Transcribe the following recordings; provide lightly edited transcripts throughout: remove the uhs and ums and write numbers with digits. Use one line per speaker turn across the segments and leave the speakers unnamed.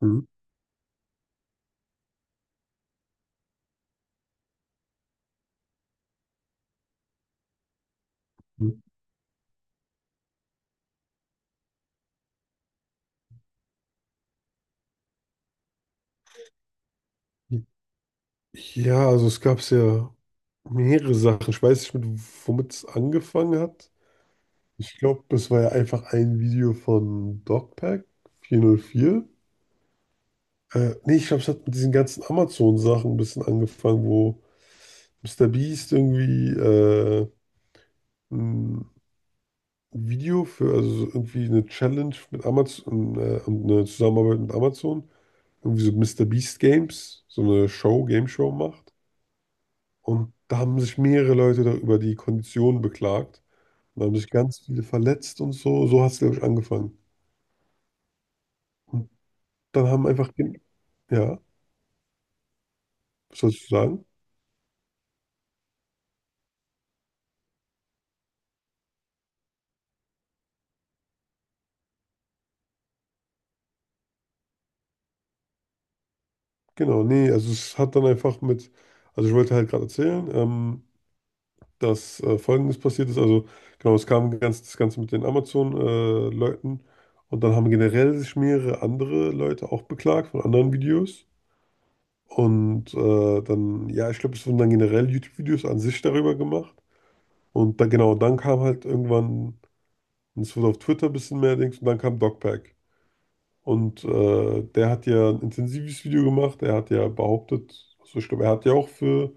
Mhm. Mhm. Ja, also es gab ja mehrere Sachen. Ich weiß nicht, womit es angefangen hat. Ich glaube, das war ja einfach ein Video von Dogpack 404. Nee, ich glaube, es hat mit diesen ganzen Amazon-Sachen ein bisschen angefangen, wo Mr. Beast irgendwie ein Video für, also so irgendwie eine Challenge mit Amazon, und eine Zusammenarbeit mit Amazon, irgendwie so Mr. Beast Games, so eine Show, Game Show macht. Und da haben sich mehrere Leute da über die Kondition beklagt. Und da haben sich ganz viele verletzt und so. So hat es, glaube ich, angefangen. Und dann haben einfach, ja, was sollst du sagen? Genau, nee, also es hat dann einfach mit, also ich wollte halt gerade erzählen, dass Folgendes passiert ist. Also genau, es kam ganz, das Ganze mit den Amazon-Leuten. Und dann haben generell sich mehrere andere Leute auch beklagt von anderen Videos. Und dann, ja, ich glaube, es wurden dann generell YouTube-Videos an sich darüber gemacht. Und dann genau, dann kam halt irgendwann, und es wurde auf Twitter ein bisschen mehr Dings, und dann kam Dogpack. Und der hat ja ein intensives Video gemacht, er hat ja behauptet, also ich glaube, er hat ja auch für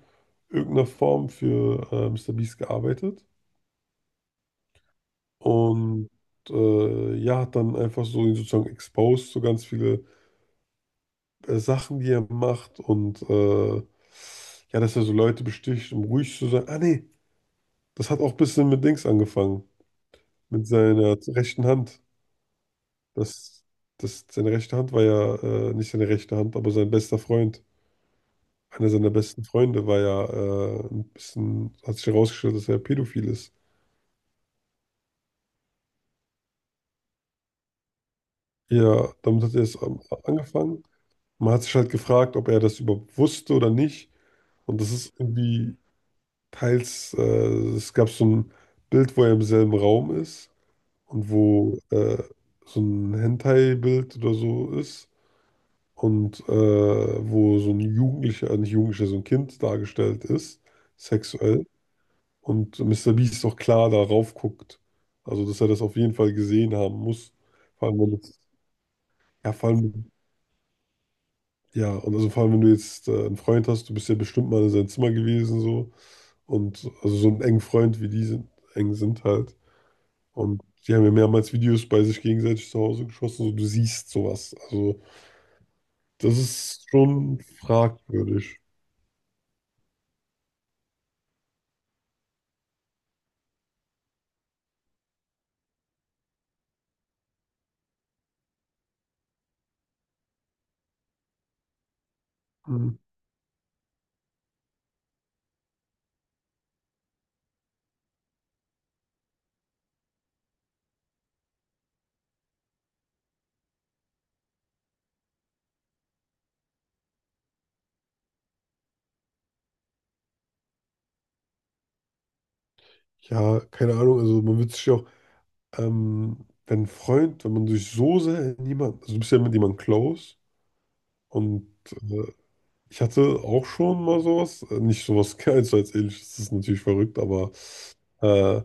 irgendeine Form für Mr. Beast gearbeitet. Und ja, hat dann einfach so ihn sozusagen exposed, so ganz viele Sachen, die er macht und ja, dass er so Leute besticht, um ruhig zu sein. Ah nee, das hat auch ein bisschen mit Dings angefangen, mit seiner rechten Hand. Das, das, seine rechte Hand war ja nicht seine rechte Hand, aber sein bester Freund, einer seiner besten Freunde, war ja ein bisschen, hat sich herausgestellt, dass er pädophil ist. Ja, damit hat er es angefangen. Man hat sich halt gefragt, ob er das überhaupt wusste oder nicht. Und das ist irgendwie teils, es gab so ein Bild, wo er im selben Raum ist und wo so ein Hentai-Bild oder so ist. Und wo so ein Jugendlicher, nicht Jugendlicher, so ein Kind dargestellt ist, sexuell. Und Mr. Beast auch klar darauf guckt. Also, dass er das auf jeden Fall gesehen haben muss. Vor allem, wenn es, ja, vor allem, ja, und also vor allem, wenn du jetzt einen Freund hast, du bist ja bestimmt mal in seinem Zimmer gewesen, so. Und also so einen engen Freund wie die sind, eng sind halt. Und die haben ja mehrmals Videos bei sich gegenseitig zu Hause geschossen, so du siehst sowas. Also, das ist schon fragwürdig. Mhm. Ja, keine Ahnung, also man wird sich ja auch, wenn ein Freund, wenn man sich so sehr in jemanden, also du bist ja mit jemandem close und äh, ich hatte auch schon mal sowas, nicht sowas ganz so als ähnliches, das ist natürlich verrückt, aber äh,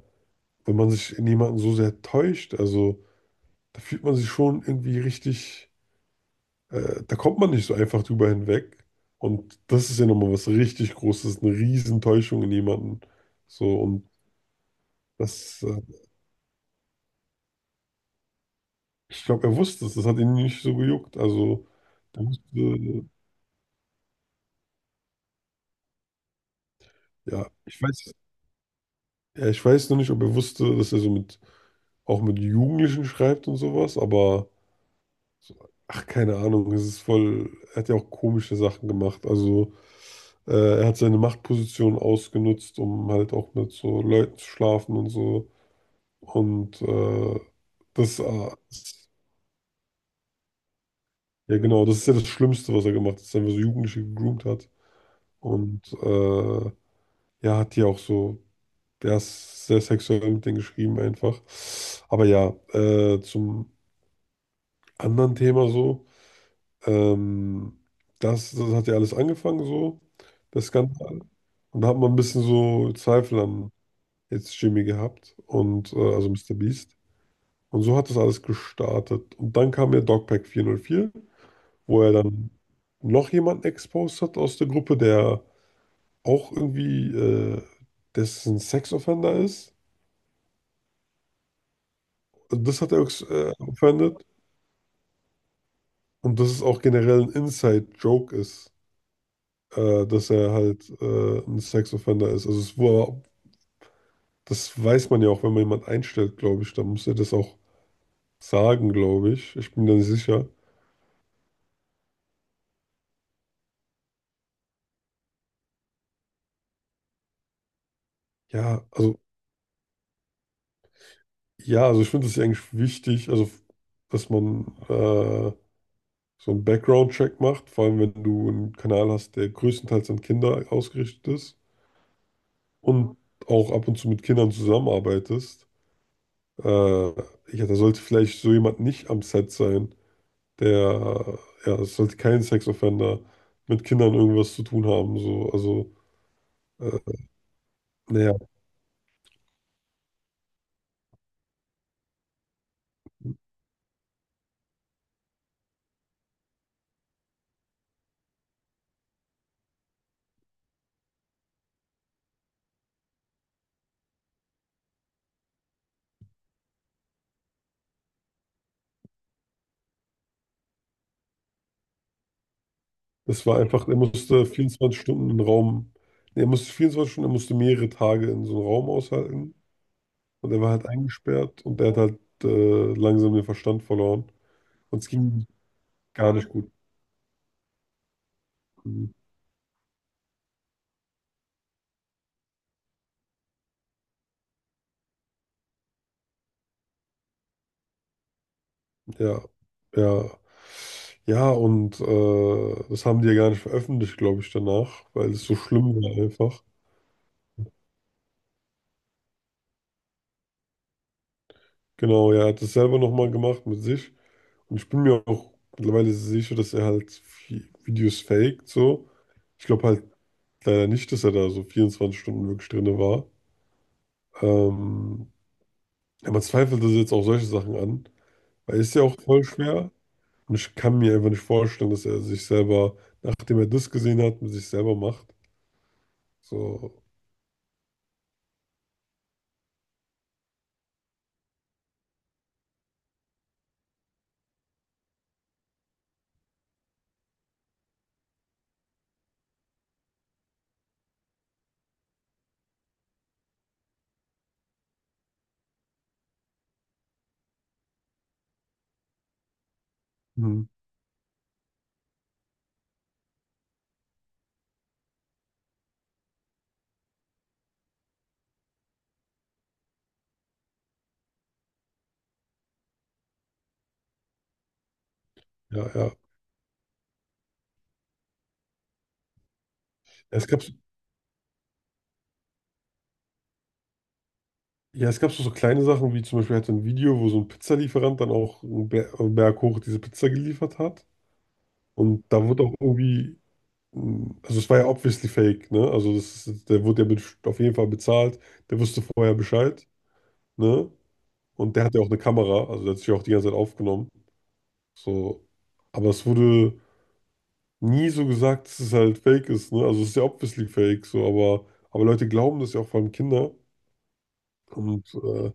wenn man sich in jemanden so sehr täuscht, also da fühlt man sich schon irgendwie richtig, da kommt man nicht so einfach drüber hinweg und das ist ja nochmal was richtig Großes, eine Riesentäuschung in jemanden, so und das ich glaube, er wusste es, das hat ihn nicht so gejuckt. Also, er wusste, ja, ich weiß, ja, ich weiß noch nicht, ob er wusste, dass er so mit, auch mit Jugendlichen schreibt und sowas, aber, so, ach, keine Ahnung, es ist voll, er hat ja auch komische Sachen gemacht. Also, äh, er hat seine Machtposition ausgenutzt, um halt auch mit so Leuten zu schlafen und so. Und äh, das, äh, ist- ja genau, das ist ja das Schlimmste, was er gemacht hat, dass er einfach so Jugendliche gegroomt hat. Und ja, hat die auch so. Der ist sehr sexuell mit denen geschrieben einfach. Aber ja, zum anderen Thema so. Ähm, das hat ja alles angefangen so, der Skandal. Und da hat man ein bisschen so Zweifel an jetzt Jimmy gehabt und also Mr. Beast. Und so hat das alles gestartet. Und dann kam ja Dogpack 404, wo er dann noch jemanden exposed hat aus der Gruppe, der auch irgendwie, dessen Sex-Offender ist. Also das hat er offended. Und dass es auch generell ein Inside-Joke ist, dass er halt ein Sex-Offender ist. Also es war, das weiß man ja auch, wenn man jemanden einstellt, glaube ich, dann muss er das auch sagen, glaube ich. Ich bin mir da nicht sicher. Ja, also ja, also ich finde es eigentlich wichtig, also dass man so einen Background-Check macht, vor allem wenn du einen Kanal hast, der größtenteils an Kinder ausgerichtet ist und auch ab und zu mit Kindern zusammenarbeitest. Äh, ja, da sollte vielleicht so jemand nicht am Set sein. der, ja, es sollte kein Sexoffender mit Kindern irgendwas zu tun haben. So, also, äh, naja, es war einfach, er musste 24 Stunden in Raum, nee, er musste 24 Stunden, er musste mehrere Tage in so einem Raum aushalten und er war halt eingesperrt und er hat halt langsam den Verstand verloren und es ging gar nicht gut. Ja, ja. Ja, und das haben die ja gar nicht veröffentlicht, glaube ich, danach, weil es so schlimm war einfach. Genau, ja, er hat es selber nochmal gemacht mit sich. Und ich bin mir auch mittlerweile sicher, dass er halt Videos faked, so. Ich glaube halt leider nicht, dass er da so 24 Stunden wirklich drin war. Ähm, ja, man zweifelt das jetzt auch solche Sachen an, weil es ist ja auch voll schwer. Und ich kann mir einfach nicht vorstellen, dass er sich selber, nachdem er das gesehen hat, mit sich selber macht. So, hm, ja, ja. Ja, Es gab, ja, es gab so, so kleine Sachen, wie zum Beispiel halt so ein Video, wo so ein Pizzalieferant dann auch einen Berg hoch diese Pizza geliefert hat. Und da wurde auch irgendwie. Also es war ja obviously fake, ne? Also das ist, der wurde ja mit, auf jeden Fall bezahlt, der wusste vorher Bescheid, ne? Und der hatte ja auch eine Kamera, also der hat sich ja auch die ganze Zeit aufgenommen. So. Aber es wurde nie so gesagt, dass es halt fake ist, ne? Also es ist ja obviously fake, so, aber Leute glauben das ja auch vor allem Kinder. Und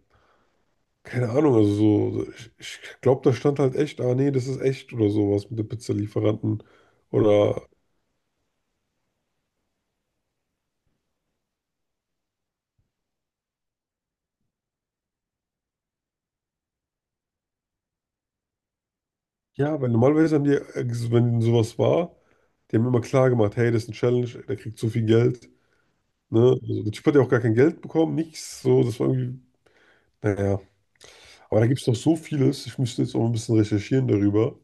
keine Ahnung, also so, ich glaube, da stand halt echt, ah nee, das ist echt oder sowas mit dem Pizzalieferanten. Oder Ja, weil normalerweise haben die, wenn sowas war, die haben immer klar gemacht, hey, das ist eine Challenge, der kriegt so viel Geld. Ne? Also, der Typ hat ja auch gar kein Geld bekommen, nichts. So, das war irgendwie, naja. Aber da gibt es noch so vieles. Ich müsste jetzt auch ein bisschen recherchieren darüber.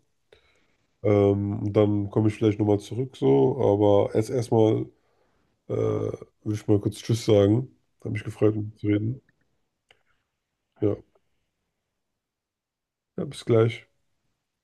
Und dann komme ich vielleicht nochmal zurück so. Aber jetzt erstmal will ich mal kurz Tschüss sagen. Hat mich gefreut, mit dir zu reden. Ja, ja, bis gleich.